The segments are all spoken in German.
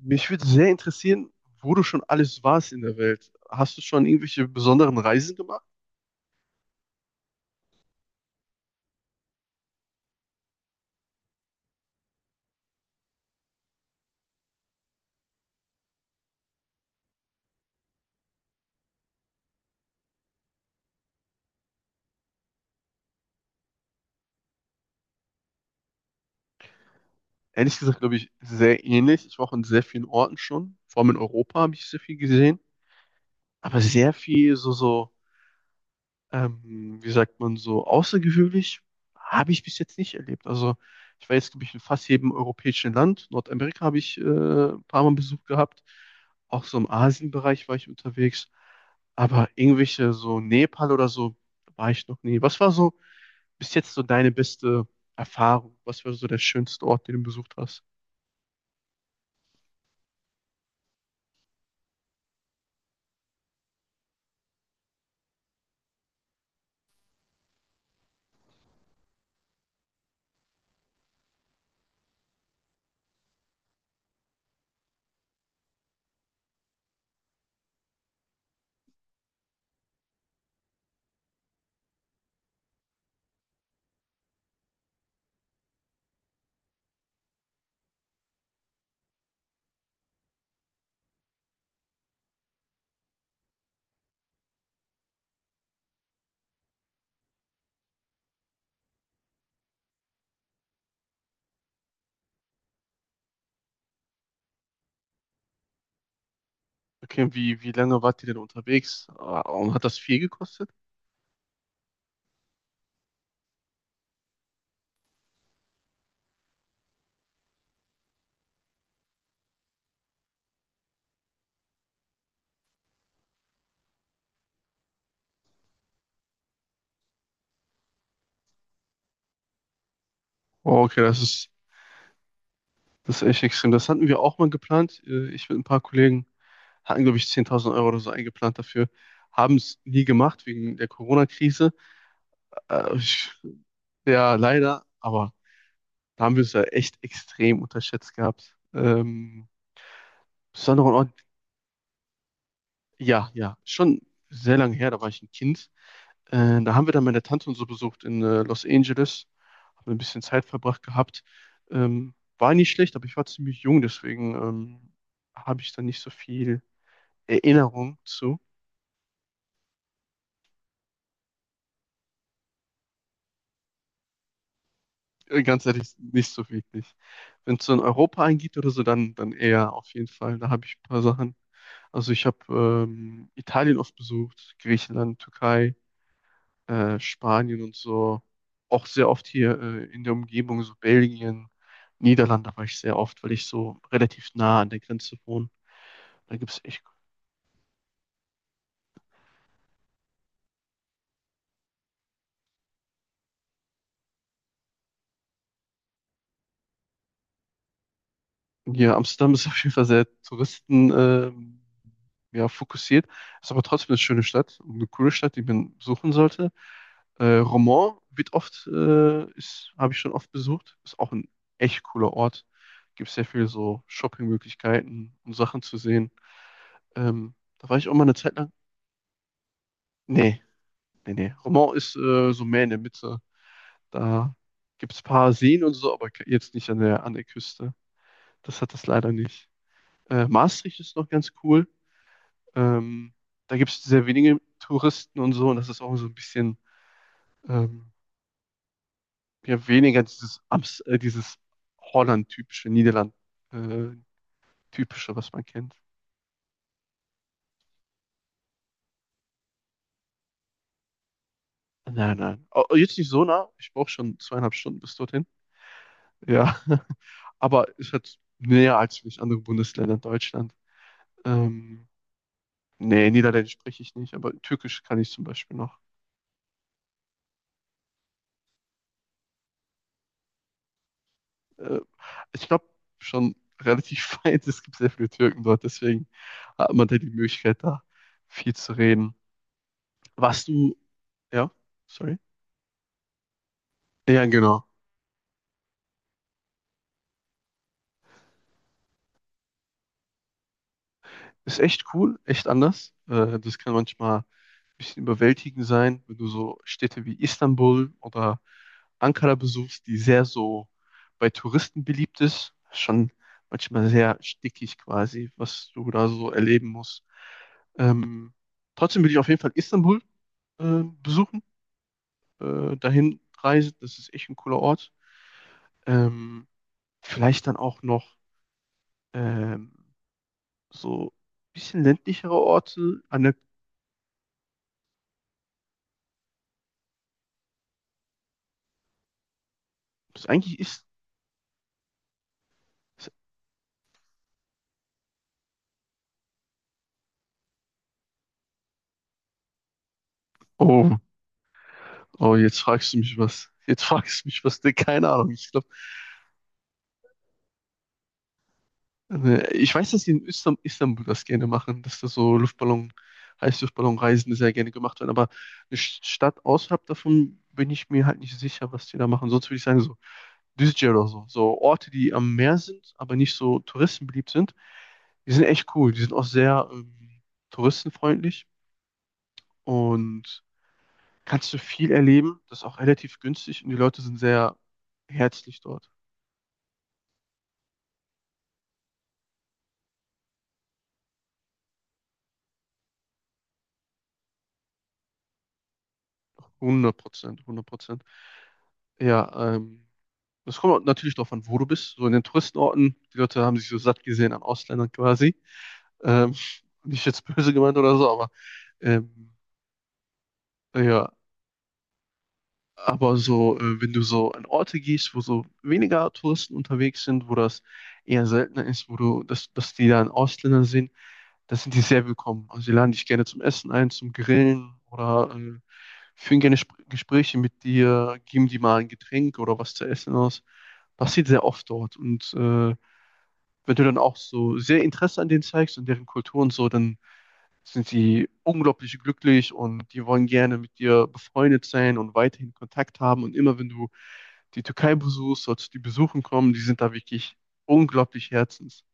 Mich würde sehr interessieren, wo du schon alles warst in der Welt. Hast du schon irgendwelche besonderen Reisen gemacht? Ehrlich gesagt, glaube ich, sehr ähnlich. Ich war auch in sehr vielen Orten schon. Vor allem in Europa habe ich sehr viel gesehen. Aber sehr viel wie sagt man, so außergewöhnlich habe ich bis jetzt nicht erlebt. Also ich war jetzt, glaube ich, in fast jedem europäischen Land. Nordamerika habe ich ein paar Mal Besuch gehabt. Auch so im Asienbereich war ich unterwegs. Aber irgendwelche so Nepal oder so war ich noch nie. Was war so bis jetzt so deine beste Erfahrung? Was war so der schönste Ort, den du besucht hast? Okay, wie lange wart ihr denn unterwegs? Ah, und hat das viel gekostet? Oh, okay, das ist echt extrem. Das hatten wir auch mal geplant. Ich mit ein paar Kollegen hatten, glaube ich, 10.000 Euro oder so eingeplant dafür. Haben es nie gemacht wegen der Corona-Krise. Äh, ich- Ja, leider. Aber da haben wir es ja echt extrem unterschätzt gehabt. Besonderen Ort, ja, ja, schon sehr lange her. Da war ich ein Kind. Da haben wir dann meine Tante und so besucht in Los Angeles. Haben ein bisschen Zeit verbracht gehabt. War nicht schlecht, aber ich war ziemlich jung, deswegen habe ich da nicht so viel Erinnerung zu. Ganz ehrlich, nicht so wirklich. Wenn es so in Europa eingeht oder so, dann eher auf jeden Fall. Da habe ich ein paar Sachen. Also ich habe Italien oft besucht, Griechenland, Türkei. Spanien und so. Auch sehr oft hier in der Umgebung, so Belgien, Niederlande war ich sehr oft, weil ich so relativ nah an der Grenze wohne. Da gibt es echt. Hier Amsterdam ist auf jeden Fall sehr Touristen, ja, fokussiert. Ist aber trotzdem eine schöne Stadt und eine coole Stadt, die man besuchen sollte. Roermond wird habe ich schon oft besucht. Ist auch ein echt cooler Ort. Gibt sehr viel so Shoppingmöglichkeiten und Sachen zu sehen. Ähm, Da war ich auch mal eine Zeit lang. Nee, nee. Romont ist so mehr in der Mitte. Da gibt es ein paar Seen und so, aber jetzt nicht an an der Küste. Das hat das leider nicht. Maastricht ist noch ganz cool. Ähm, Da gibt es sehr wenige Touristen und so, und das ist auch so ein bisschen ähm, ja, weniger dieses Holland-typische, Niederland-typische, was man kennt. Nein, nein. Oh, oh, jetzt nicht so nah. Ich brauche schon zweieinhalb Stunden bis dorthin. Ja. Aber es hat näher als vielleicht andere Bundesländer in Deutschland. Ähm, Nee, Niederländisch spreche ich nicht, aber Türkisch kann ich zum Beispiel noch. Äh, Ich glaube schon relativ weit, es gibt sehr viele Türken dort, deswegen hat man da die Möglichkeit, da viel zu reden. Warst du, ja, sorry? Ja, genau. Ist echt cool, echt anders. Das kann manchmal ein bisschen überwältigend sein, wenn du so Städte wie Istanbul oder Ankara besuchst, die sehr so bei Touristen beliebt ist. Schon manchmal sehr stickig quasi, was du da so erleben musst. Ähm, trotzdem will ich auf jeden Fall Istanbul besuchen, dahin reisen. Das ist echt ein cooler Ort. Ähm, vielleicht dann auch noch ähm, so ein bisschen ländlichere Orte. An der, was eigentlich ist. Oh, oh, jetzt fragst du mich was. Jetzt fragst du mich was. Ne, keine Ahnung. Ich weiß, dass die in Istanbul das gerne machen, dass da so Luftballon, Heißluftballonreisen sehr gerne gemacht werden. Aber eine Stadt außerhalb davon bin ich mir halt nicht sicher, was die da machen. Sonst würde ich sagen, so Düzce oder so. So Orte, die am Meer sind, aber nicht so touristenbeliebt sind. Die sind echt cool. Die sind auch sehr touristenfreundlich und kannst du viel erleben. Das ist auch relativ günstig und die Leute sind sehr herzlich dort. 100 Prozent, 100 Prozent. Ja, das kommt auch natürlich darauf an, wo du bist. So in den Touristenorten, die Leute haben sich so satt gesehen an Ausländern quasi. Ähm, nicht jetzt böse gemeint oder so, aber ähm, ja, aber wenn du so an Orte gehst, wo so weniger Touristen unterwegs sind, wo das eher seltener ist, dass die dann Ausländer sehen, da sind die sehr willkommen. Also sie laden dich gerne zum Essen ein, zum Grillen oder führen gerne Sp Gespräche mit dir, geben dir mal ein Getränk oder was zu essen aus. Passiert sehr oft dort. Und wenn du dann auch so sehr Interesse an denen zeigst und deren Kultur und so, dann sind sie unglaublich glücklich und die wollen gerne mit dir befreundet sein und weiterhin Kontakt haben. Und immer wenn du die Türkei besuchst, solltest du die besuchen kommen. Die sind da wirklich unglaublich herzens.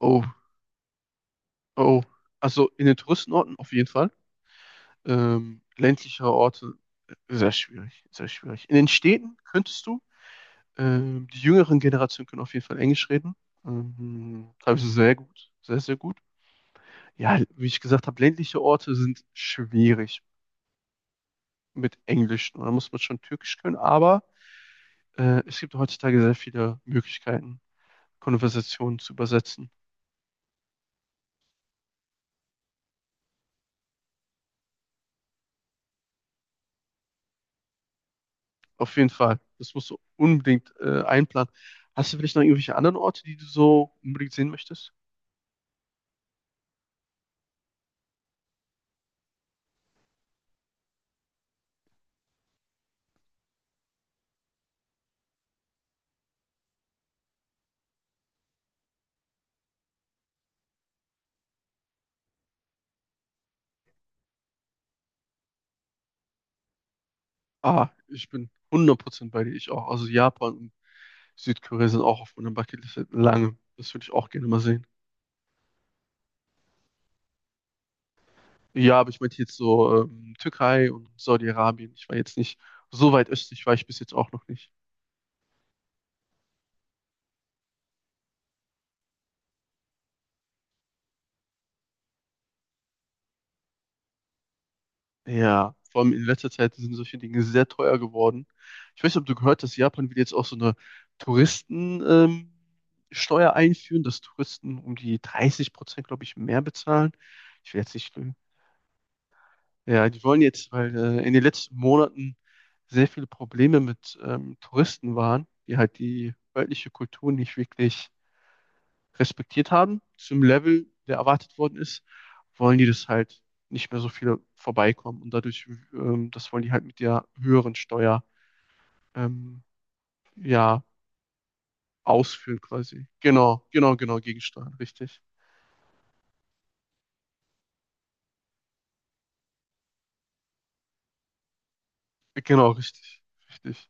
Oh, oh. Also in den Touristenorten auf jeden Fall. Ländlichere Orte, sehr schwierig, sehr schwierig. In den Städten könntest du, die jüngeren Generationen können auf jeden Fall Englisch reden. Teilweise sehr gut, sehr, sehr gut. Ja, wie ich gesagt habe, ländliche Orte sind schwierig mit Englisch. Da muss man schon Türkisch können, aber es gibt heutzutage sehr viele Möglichkeiten, Konversationen zu übersetzen. Auf jeden Fall. Das musst du unbedingt einplanen. Hast du vielleicht noch irgendwelche anderen Orte, die du so unbedingt sehen möchtest? Ah, ich bin hundert Prozent bei dir. Ich auch. Also Japan und Südkorea sind auch auf meiner Bucketlist seit langem. Das würde ich auch gerne mal sehen. Ja, aber ich meinte jetzt so Türkei und Saudi-Arabien. Ich war jetzt nicht so weit östlich, war ich bis jetzt auch noch nicht. Ja, vor allem in letzter Zeit sind solche Dinge sehr teuer geworden. Ich weiß nicht, ob du gehört hast, dass Japan will jetzt auch so eine Touristen, ähm, Steuer einführen, dass Touristen um die 30 Prozent, glaube ich, mehr bezahlen. Ich will jetzt nicht lügen. Ja, die wollen jetzt, weil in den letzten Monaten sehr viele Probleme mit Touristen waren, die halt die örtliche Kultur nicht wirklich respektiert haben, zum Level, der erwartet worden ist, wollen die das halt nicht mehr so viele vorbeikommen. Und dadurch, das wollen die halt mit der höheren Steuer, ähm, ja, ausführen quasi. Genau, genau, genau, gegensteuern, richtig. Genau, richtig, richtig.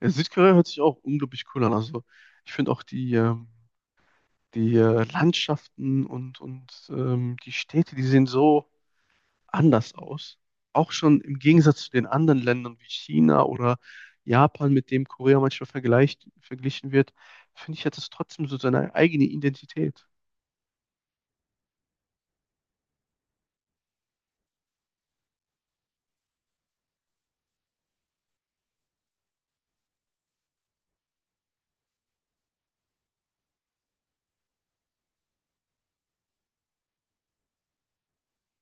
Ja, Südkorea hört sich auch unglaublich cool an. Also ich finde auch die, die Landschaften und die Städte, die sehen so anders aus. Auch schon im Gegensatz zu den anderen Ländern wie China oder Japan, mit dem Korea manchmal vergleicht, verglichen wird, finde ich, hat es trotzdem so seine eigene Identität.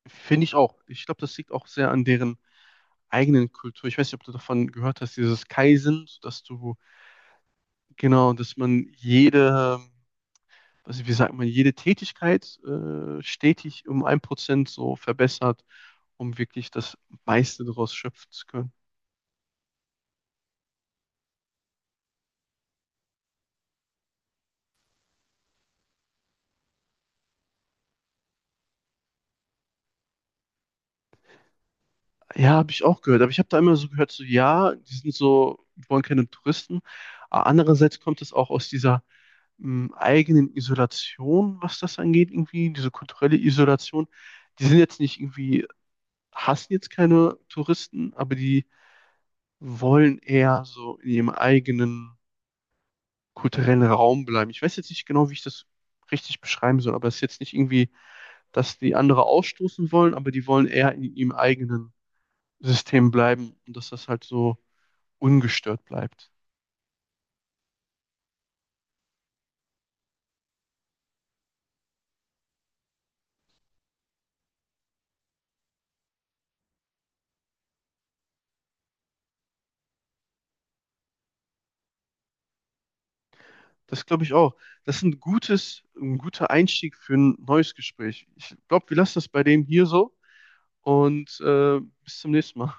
Finde ich auch. Ich glaube, das liegt auch sehr an deren eigenen Kultur. Ich weiß nicht, ob du davon gehört hast, dieses Kaizen, dass du, genau, dass man jede, also wie sagt man, jede Tätigkeit stetig um ein Prozent so verbessert, um wirklich das meiste daraus schöpfen zu können. Ja, habe ich auch gehört. Aber ich habe da immer so gehört, so ja, die sind so, die wollen keine Touristen. Aber andererseits kommt es auch aus dieser eigenen Isolation, was das angeht, irgendwie, diese kulturelle Isolation. Die sind jetzt nicht irgendwie, hassen jetzt keine Touristen, aber die wollen eher so in ihrem eigenen kulturellen Raum bleiben. Ich weiß jetzt nicht genau, wie ich das richtig beschreiben soll, aber es ist jetzt nicht irgendwie, dass die andere ausstoßen wollen, aber die wollen eher in ihrem eigenen System bleiben und dass das halt so ungestört bleibt. Das glaube ich auch. Das ist ein ein guter Einstieg für ein neues Gespräch. Ich glaube, wir lassen das bei dem hier so und bis zum nächsten Mal.